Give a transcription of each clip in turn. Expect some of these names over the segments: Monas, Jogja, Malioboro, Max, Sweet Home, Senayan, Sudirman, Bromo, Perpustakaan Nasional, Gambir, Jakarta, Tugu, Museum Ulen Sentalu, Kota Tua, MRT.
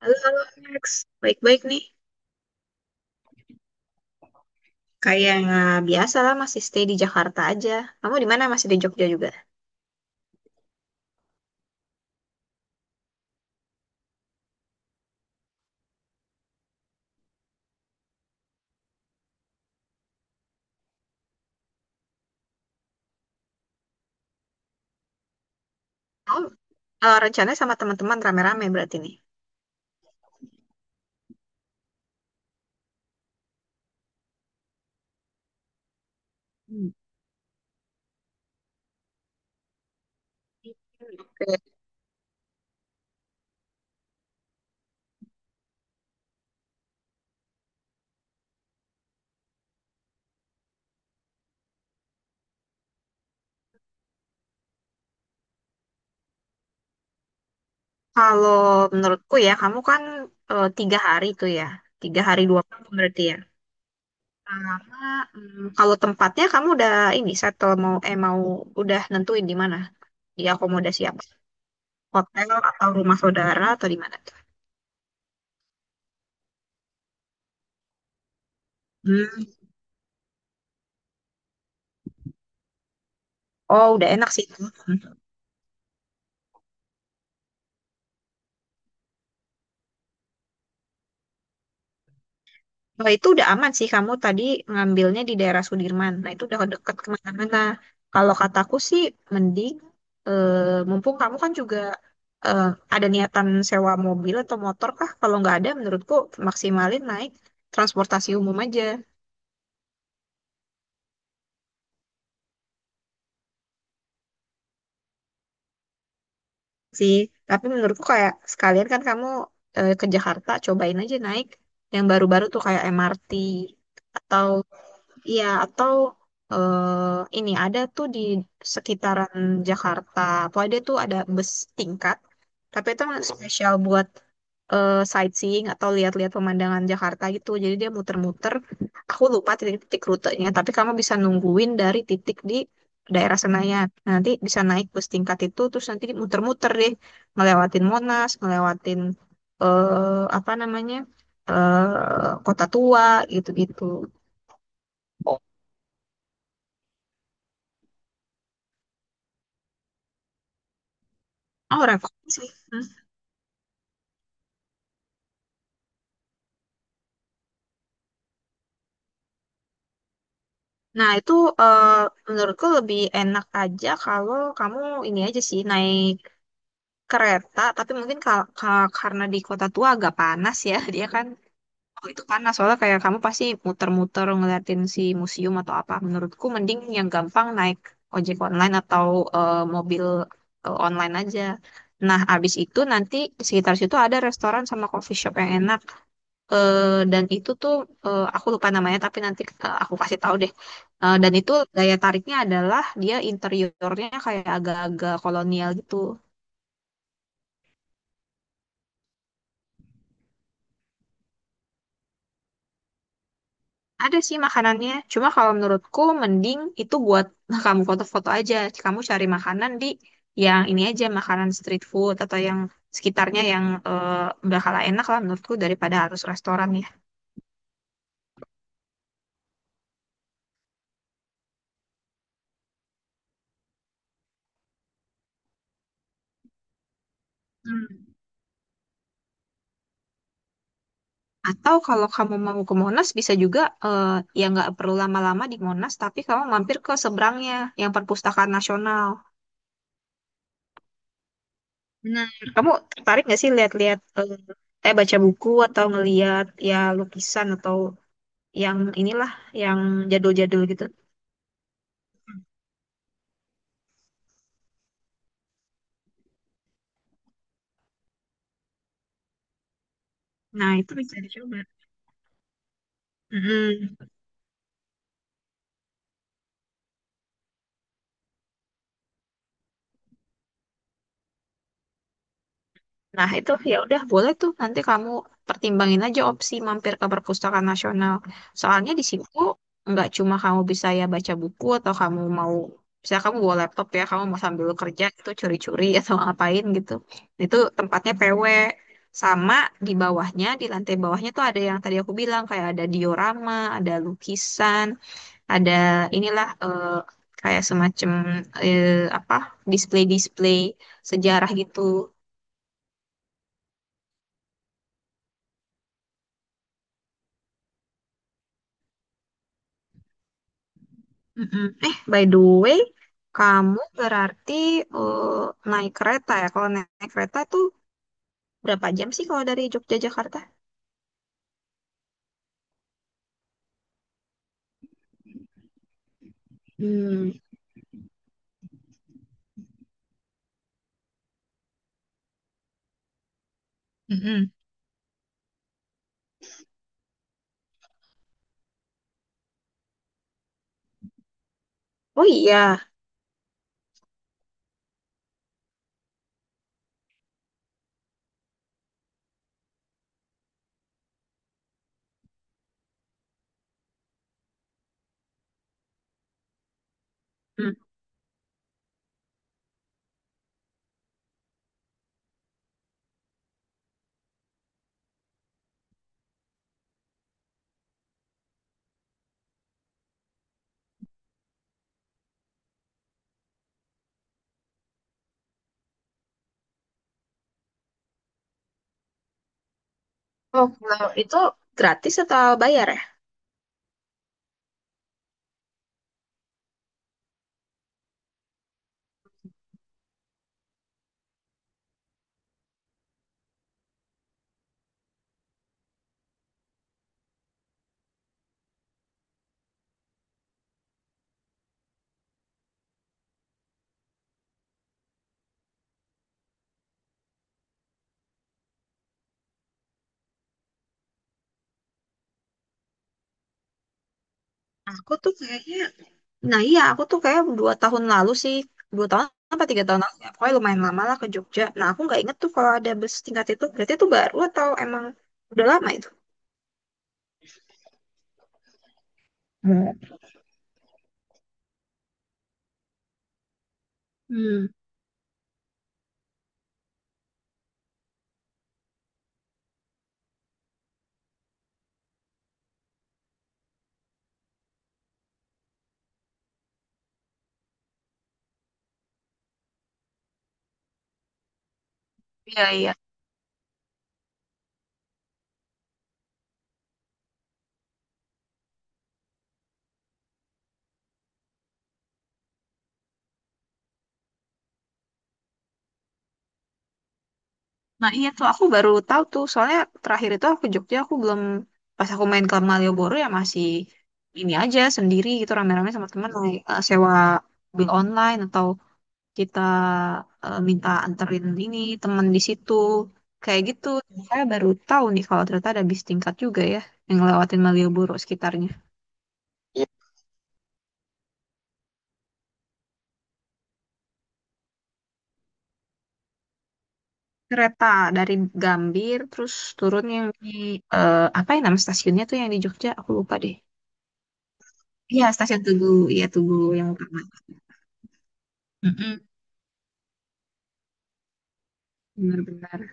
Halo, halo Max. Baik-baik nih. Kayak Biasa lah masih stay di Jakarta aja. Kamu di mana? Masih di Jogja juga? Oh, Rencananya sama teman-teman rame-rame berarti nih. Hmm. Oke. Kalau menurutku ya, kamu kan tiga hari tuh ya. Tiga hari dua malam berarti ya. Sama, kalau tempatnya kamu udah ini, settle mau, udah nentuin di mana? Di akomodasi hotel atau rumah saudara atau di mana tuh? Hmm. Oh, udah enak sih itu. Nah, itu udah aman sih kamu tadi ngambilnya di daerah Sudirman. Nah, itu udah deket kemana-mana. Kalau kataku sih mending eh, mumpung kamu kan juga eh, ada niatan sewa mobil atau motor kah? Kalau nggak ada, menurutku maksimalin naik transportasi umum aja sih. Tapi menurutku kayak sekalian kan kamu ke Jakarta, cobain aja naik yang baru-baru tuh kayak MRT atau Iya, atau ini ada tuh di sekitaran Jakarta. Pokoknya dia tuh ada bus tingkat, tapi itu emang spesial buat sightseeing atau lihat-lihat pemandangan Jakarta gitu. Jadi dia muter-muter. Aku lupa titik-titik rutenya, tapi kamu bisa nungguin dari titik di daerah Senayan. Nanti bisa naik bus tingkat itu, terus nanti muter-muter deh, ngelewatin Monas, ngelewatin apa namanya Kota Tua gitu-gitu. Oh, repot sih. Hmm. Nah, itu eh, menurutku lebih enak aja kalau kamu ini aja sih naik kereta, tapi mungkin karena di kota tua agak panas ya, dia kan oh, itu panas soalnya kayak kamu pasti muter-muter ngeliatin si museum atau apa. Menurutku mending yang gampang naik ojek online atau eh, mobil online aja. Nah, abis itu nanti di sekitar situ ada restoran sama coffee shop yang enak. Eh, dan itu tuh eh, aku lupa namanya tapi nanti eh, aku kasih tahu deh. Eh, dan itu daya tariknya adalah dia interiornya kayak agak-agak kolonial gitu. Ada sih makanannya, cuma kalau menurutku mending itu buat kamu foto-foto aja. Kamu cari makanan di yang ini aja makanan street food atau yang sekitarnya yang bakal enak lah menurutku daripada harus restoran ya. Hmm. Atau kalau kamu mau ke Monas bisa juga eh, ya nggak perlu lama-lama di Monas tapi kamu mampir ke seberangnya yang Perpustakaan Nasional. Benar. Kamu tertarik nggak sih lihat-lihat, baca buku atau ngelihat ya lukisan atau yang inilah yang jadul-jadul gitu. Nah, itu bisa dicoba. Mm-mm. Nah, itu ya udah boleh tuh nanti kamu pertimbangin aja opsi mampir ke perpustakaan nasional. Soalnya di situ nggak cuma kamu bisa ya baca buku atau kamu mau bisa kamu bawa laptop ya, kamu mau sambil kerja itu curi-curi atau ngapain gitu. Itu tempatnya PW. Sama di bawahnya, di lantai bawahnya tuh ada yang tadi aku bilang kayak ada diorama, ada lukisan, ada inilah kayak semacam eh, apa display-display sejarah gitu. Mm-mm. Eh, by the way, kamu berarti eh, naik kereta ya? Kalau naik kereta tuh berapa jam sih kalau dari Jogja Jakarta? Hmm, Mm-mm. Oh iya. Mm. Oh, kalau itu gratis atau bayar ya? Aku tuh kayaknya, nah iya aku tuh kayak dua tahun lalu sih, dua tahun apa tiga tahun lalu ya, pokoknya lumayan lama lah ke Jogja. Nah aku nggak inget tuh kalau ada bus tingkat itu, berarti itu baru atau emang udah lama itu? Hmm. Hmm, iya iya. Nah iya tuh aku baru tahu tuh soalnya terakhir itu aku ke Jogja aku belum pas aku main ke Malioboro ya masih ini aja sendiri gitu rame-rame sama teman naik sewa mobil online atau kita minta anterin ini teman di situ kayak gitu saya baru tahu nih kalau ternyata ada bis tingkat juga ya yang ngelewatin Malioboro sekitarnya Iya, kereta dari Gambir terus turun yang di apa ya nama stasiunnya tuh yang di Jogja aku lupa deh Iya, stasiun Tugu, iya Tugu yang utama. Mm-mm, Benar-benar.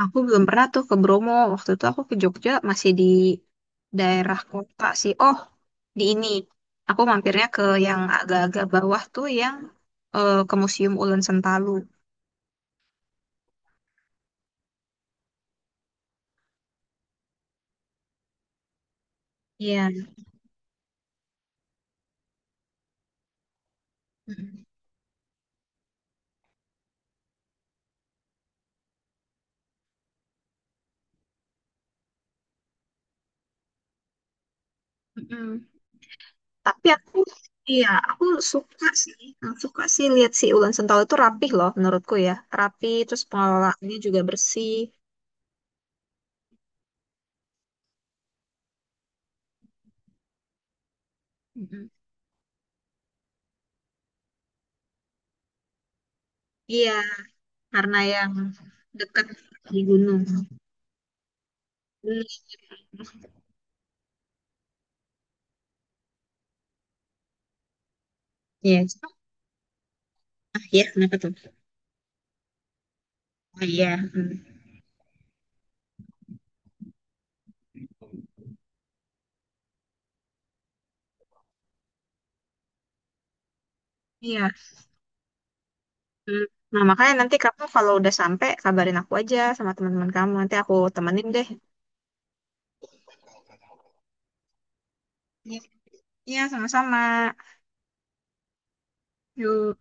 Aku belum pernah tuh ke Bromo. Waktu itu aku ke Jogja masih di daerah kota sih. Oh, di ini. Aku mampirnya ke yang agak-agak bawah tuh yang ke Museum Ulen Sentalu. Iya. Mm-mm. Mm-mm. Tapi aku, iya, aku suka sih. Suka sih lihat si Ulen Sentalu itu rapih loh menurutku ya. Rapi, terus pengelolaannya juga bersih. Mm-mm. Iya, karena yang dekat di gunung. Iya, Ah iya, kenapa tuh? Oh iya. Hmm. Iya. Hmm. Nah, makanya nanti kamu kalau udah sampai kabarin aku aja sama teman-teman kamu. Nanti aku temenin deh. Iya, Iya, sama-sama. Yuk.